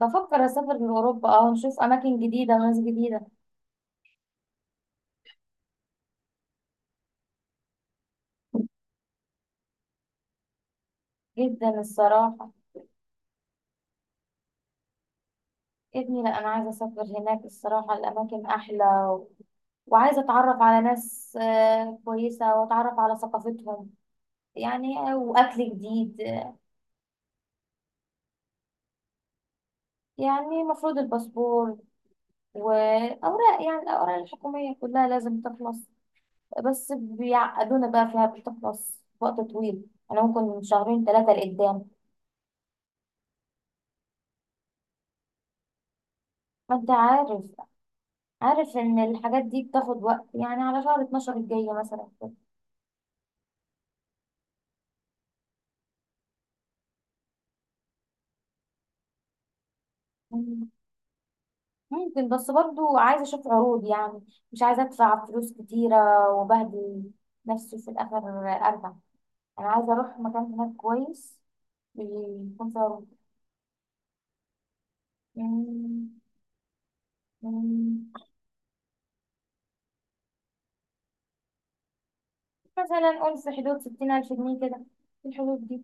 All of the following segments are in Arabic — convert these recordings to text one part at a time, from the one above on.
بفكر أسافر لأوروبا ونشوف أماكن جديدة وناس جديدة جدا، الصراحة. يا ابني، لأ، أنا عايزة أسافر هناك، الصراحة الأماكن أحلى. وعايزة أتعرف على ناس كويسة، وأتعرف على ثقافتهم. يعني وأكل جديد. يعني المفروض الباسبور، وأوراق، يعني الأوراق الحكومية كلها لازم تخلص. بس بيعقدونا بقى فيها، بتخلص في وقت طويل. أنا ممكن من شهرين ثلاثة لقدام. ما أنت عارف. عارف ان الحاجات دي بتاخد وقت، يعني على شهر 12 الجاية مثلا كده. مم. ممكن، بس برضو عايزة اشوف عروض يعني. مش عايزة ادفع فلوس كتيرة وبهدل نفسي في الاخر. ارجع. انا عايزة اروح مكان هناك كويس، بيكون فيه عروض. مم. مم. مثلا قول في حدود 60 الف جنيه كده، في الحدود دي.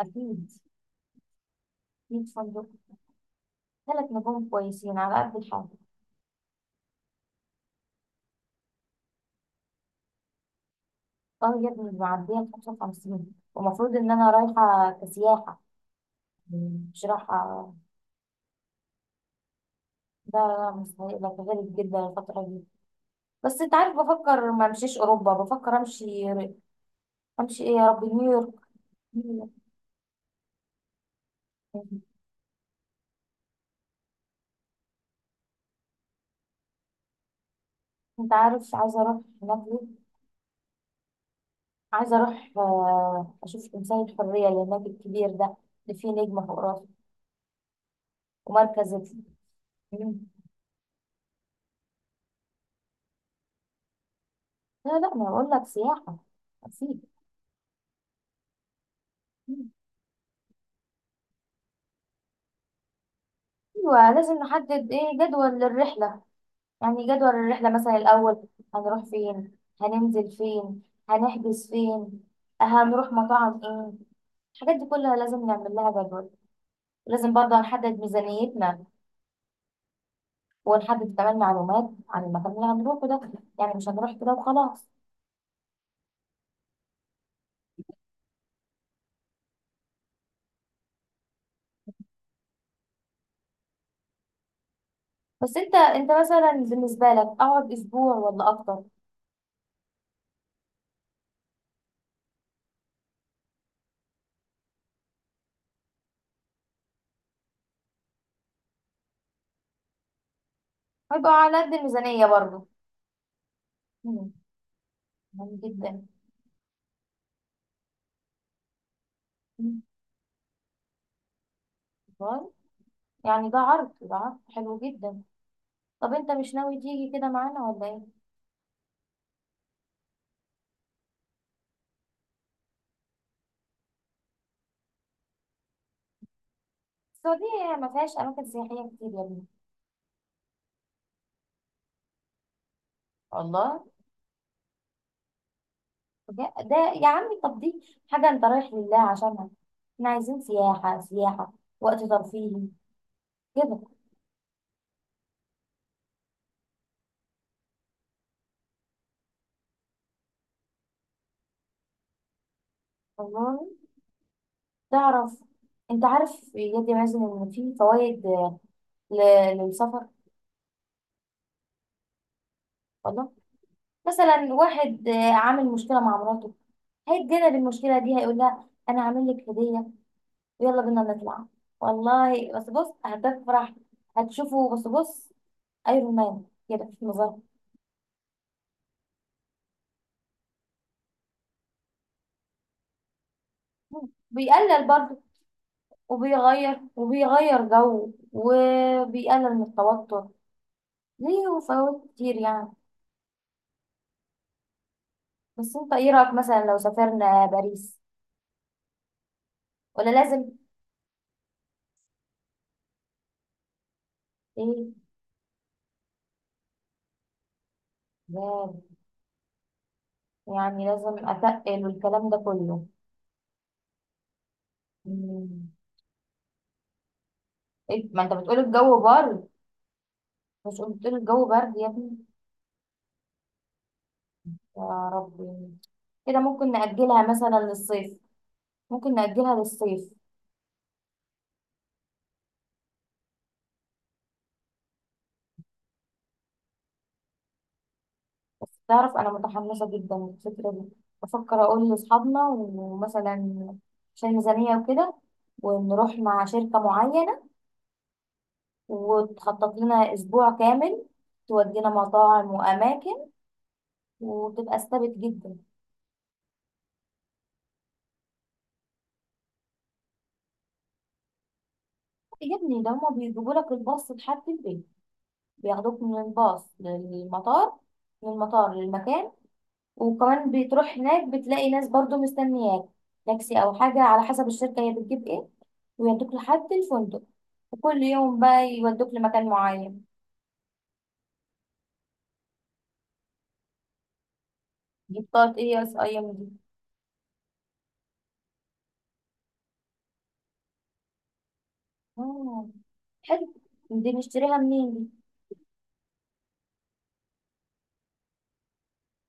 اكيد. 100 فندق، ثلاث نجوم كويسين على قد الحاجة. اه يا ابني، معدية ال 55، ومفروض ان انا رايحة كسياحة بصراحة. ده مستحيل، غريب جدا الفترة دي. بس انت عارف، بفكر ما امشيش اوروبا، بفكر امشي. امشي ايه؟ يا ربي، نيويورك. انت عارف عايزة اروح هناك ليه؟ عايزة اروح اشوف تمثال الحرية اللي هناك الكبير ده، اللي فيه نجمة فوق راسه. ومركز ال- مم. لا لا، ما اقول لك سياحة. اكيد. مم. ايوه، لازم نحدد، ايه، جدول للرحلة. يعني جدول الرحلة مثلا، الأول هنروح فين، هننزل فين، هنحجز فين، هنروح مطاعم ايه، الحاجات دي كلها لازم نعمل لها جدول. لازم برضه نحدد ميزانيتنا. ونحدد كمان معلومات عن المكان اللي هنروحه ده، يعني مش هنروح كده وخلاص. بس انت مثلا بالنسبة لك، اقعد اسبوع ولا اكتر؟ هيبقى على قد الميزانية برضه. مم، مهم جدا. مم، والله. يعني ده عرض حلو جدا. طب انت مش ناوي تيجي كده معانا ولا ايه؟ السعودية ما فيهاش أماكن سياحية كتير يا ابني. الله. بجد- ده يا عمي، طب دي حاجة أنت رايح لله عشانها. احنا عايزين سياحة سياحة، وقت ترفيهي، كده. والله. تعرف؟ أنت عارف يا مازن، إن في فوائد للسفر. والله. مثلا واحد عامل مشكلة مع مراته، هيتجنب المشكلة دي، هيقول لها أنا عامل لك هدية، ويلا بينا نطلع. والله بس بص، هتفرح. هتشوفه بس بص، أيرون مان كده في مظهر. بيقلل برضه، وبيغير وبيغير جو، وبيقلل من التوتر ليه، وفوائد كتير يعني. بس انت ايه رأيك، مثلا لو سافرنا باريس؟ ولا لازم. ايه؟ لا. يعني لازم اتقل والكلام ده كله. مم. إيه؟ ما انت بتقول الجو برد. مش قلت لي الجو برد يا ابني؟ يا ربي. كده ممكن نأجلها مثلا للصيف. ممكن نأجلها للصيف. بس تعرف، انا متحمسه جدا للفكره دي. بفكر اقول لاصحابنا ومثلا، عشان ميزانيه وكده، ونروح مع شركه معينه، وتخطط لنا اسبوع كامل، تودينا مطاعم واماكن، وتبقى استبت جدا. يا ابني، ده هما بيجيبوا لك الباص لحد البيت. بياخدوك من الباص للمطار، من المطار للمكان. وكمان بتروح هناك بتلاقي ناس برضو مستنياك، تاكسي او حاجة على حسب الشركة هي بتجيب ايه، ويودوك لحد الفندق. وكل يوم بقى يودوك لمكان معين. دي بطاقة ايه، اس اي ام دي؟ آه، حلو. دي نشتريها منين دي؟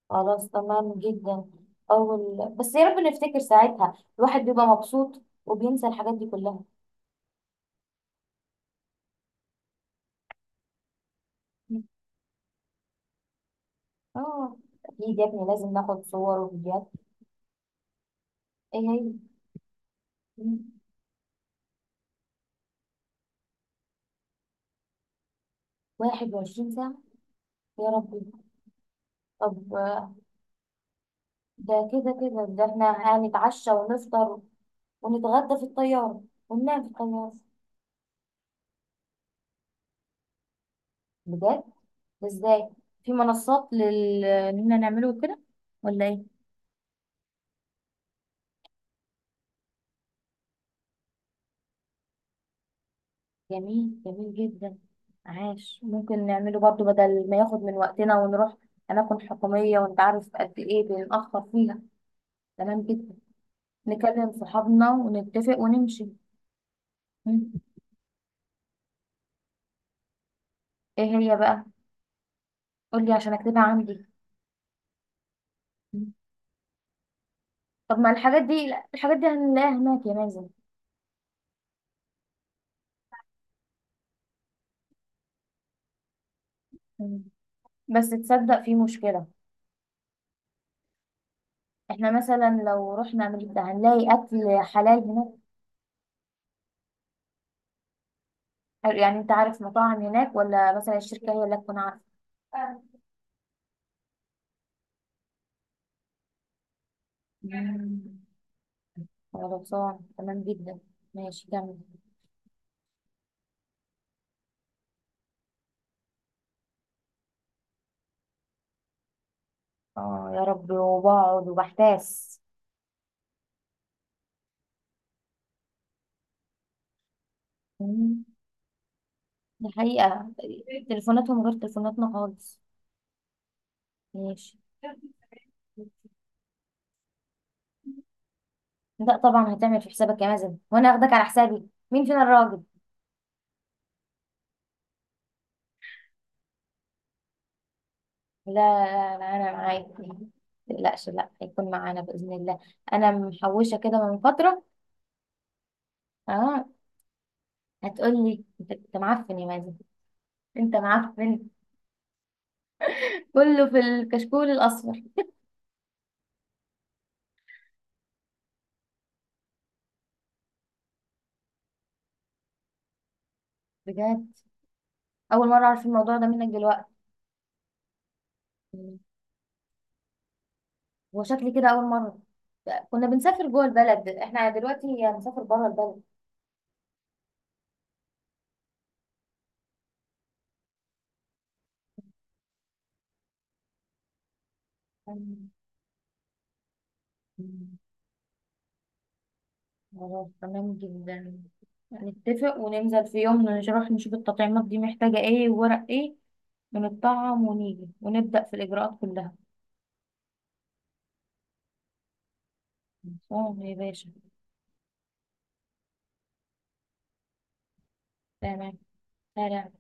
خلاص، تمام جدا. اول بس يا رب نفتكر ساعتها، الواحد بيبقى مبسوط وبينسى الحاجات دي كلها. مم. اه. اكيد يا ابني لازم ناخد صور وفيديوهات. ايه هي؟ مم. 21 ساعة؟ يا ربي. طب ده كده كده، ده احنا هنتعشى ونفطر ونتغدى في الطيارة، وننام في الطيارة. بجد؟ ده ازاي؟ في منصات لل اننا نعمله كده ولا ايه؟ جميل، جميل جدا. عاش. ممكن نعمله برضو، بدل ما ياخد من وقتنا ونروح أماكن حكومية وأنت عارف قد إيه بنتأخر فيها. تمام جدا. نكلم صحابنا ونتفق ونمشي. مم. إيه هي بقى؟ قولي عشان أكتبها عندي. مم. طب، ما الحاجات دي هنلاقيها هناك يا مازن؟ مم. بس تصدق، في مشكلة. احنا مثلا لو رحنا امريكا، هنلاقي اكل حلال هناك؟ يعني انت عارف مطاعم هناك، ولا مثلا الشركة هي اللي تكون عارفة؟ مم. خلصان تمام جدا. ماشي، كمل. اه يا رب، وبقعد وبحتاس. مم. دي حقيقة. تليفوناتهم غير تليفوناتنا خالص. ماشي. لا، طبعا هتعمل في حسابك يا مازن، وانا اخدك على حسابي؟ مين فينا الراجل؟ لا لا لا، انا معاك. متقلقش، لا هيكون معانا باذن الله. انا محوشه كده من فتره. اه. هتقول لي أنت معفن يا مازن؟ انت معفن. كله في الكشكول الاصفر. بجد؟ اول مره اعرف الموضوع ده منك دلوقتي. هو شكلي كده اول مره. كنا بنسافر جوه البلد، احنا دلوقتي هنسافر بره البلد. خلاص، تمام جدا. نتفق وننزل في يوم نروح نشوف التطعيمات دي محتاجه ايه وورق ايه. بنطعم ونيجي ونبدأ في الإجراءات كلها. صوم يا باشا. تمام. سلام.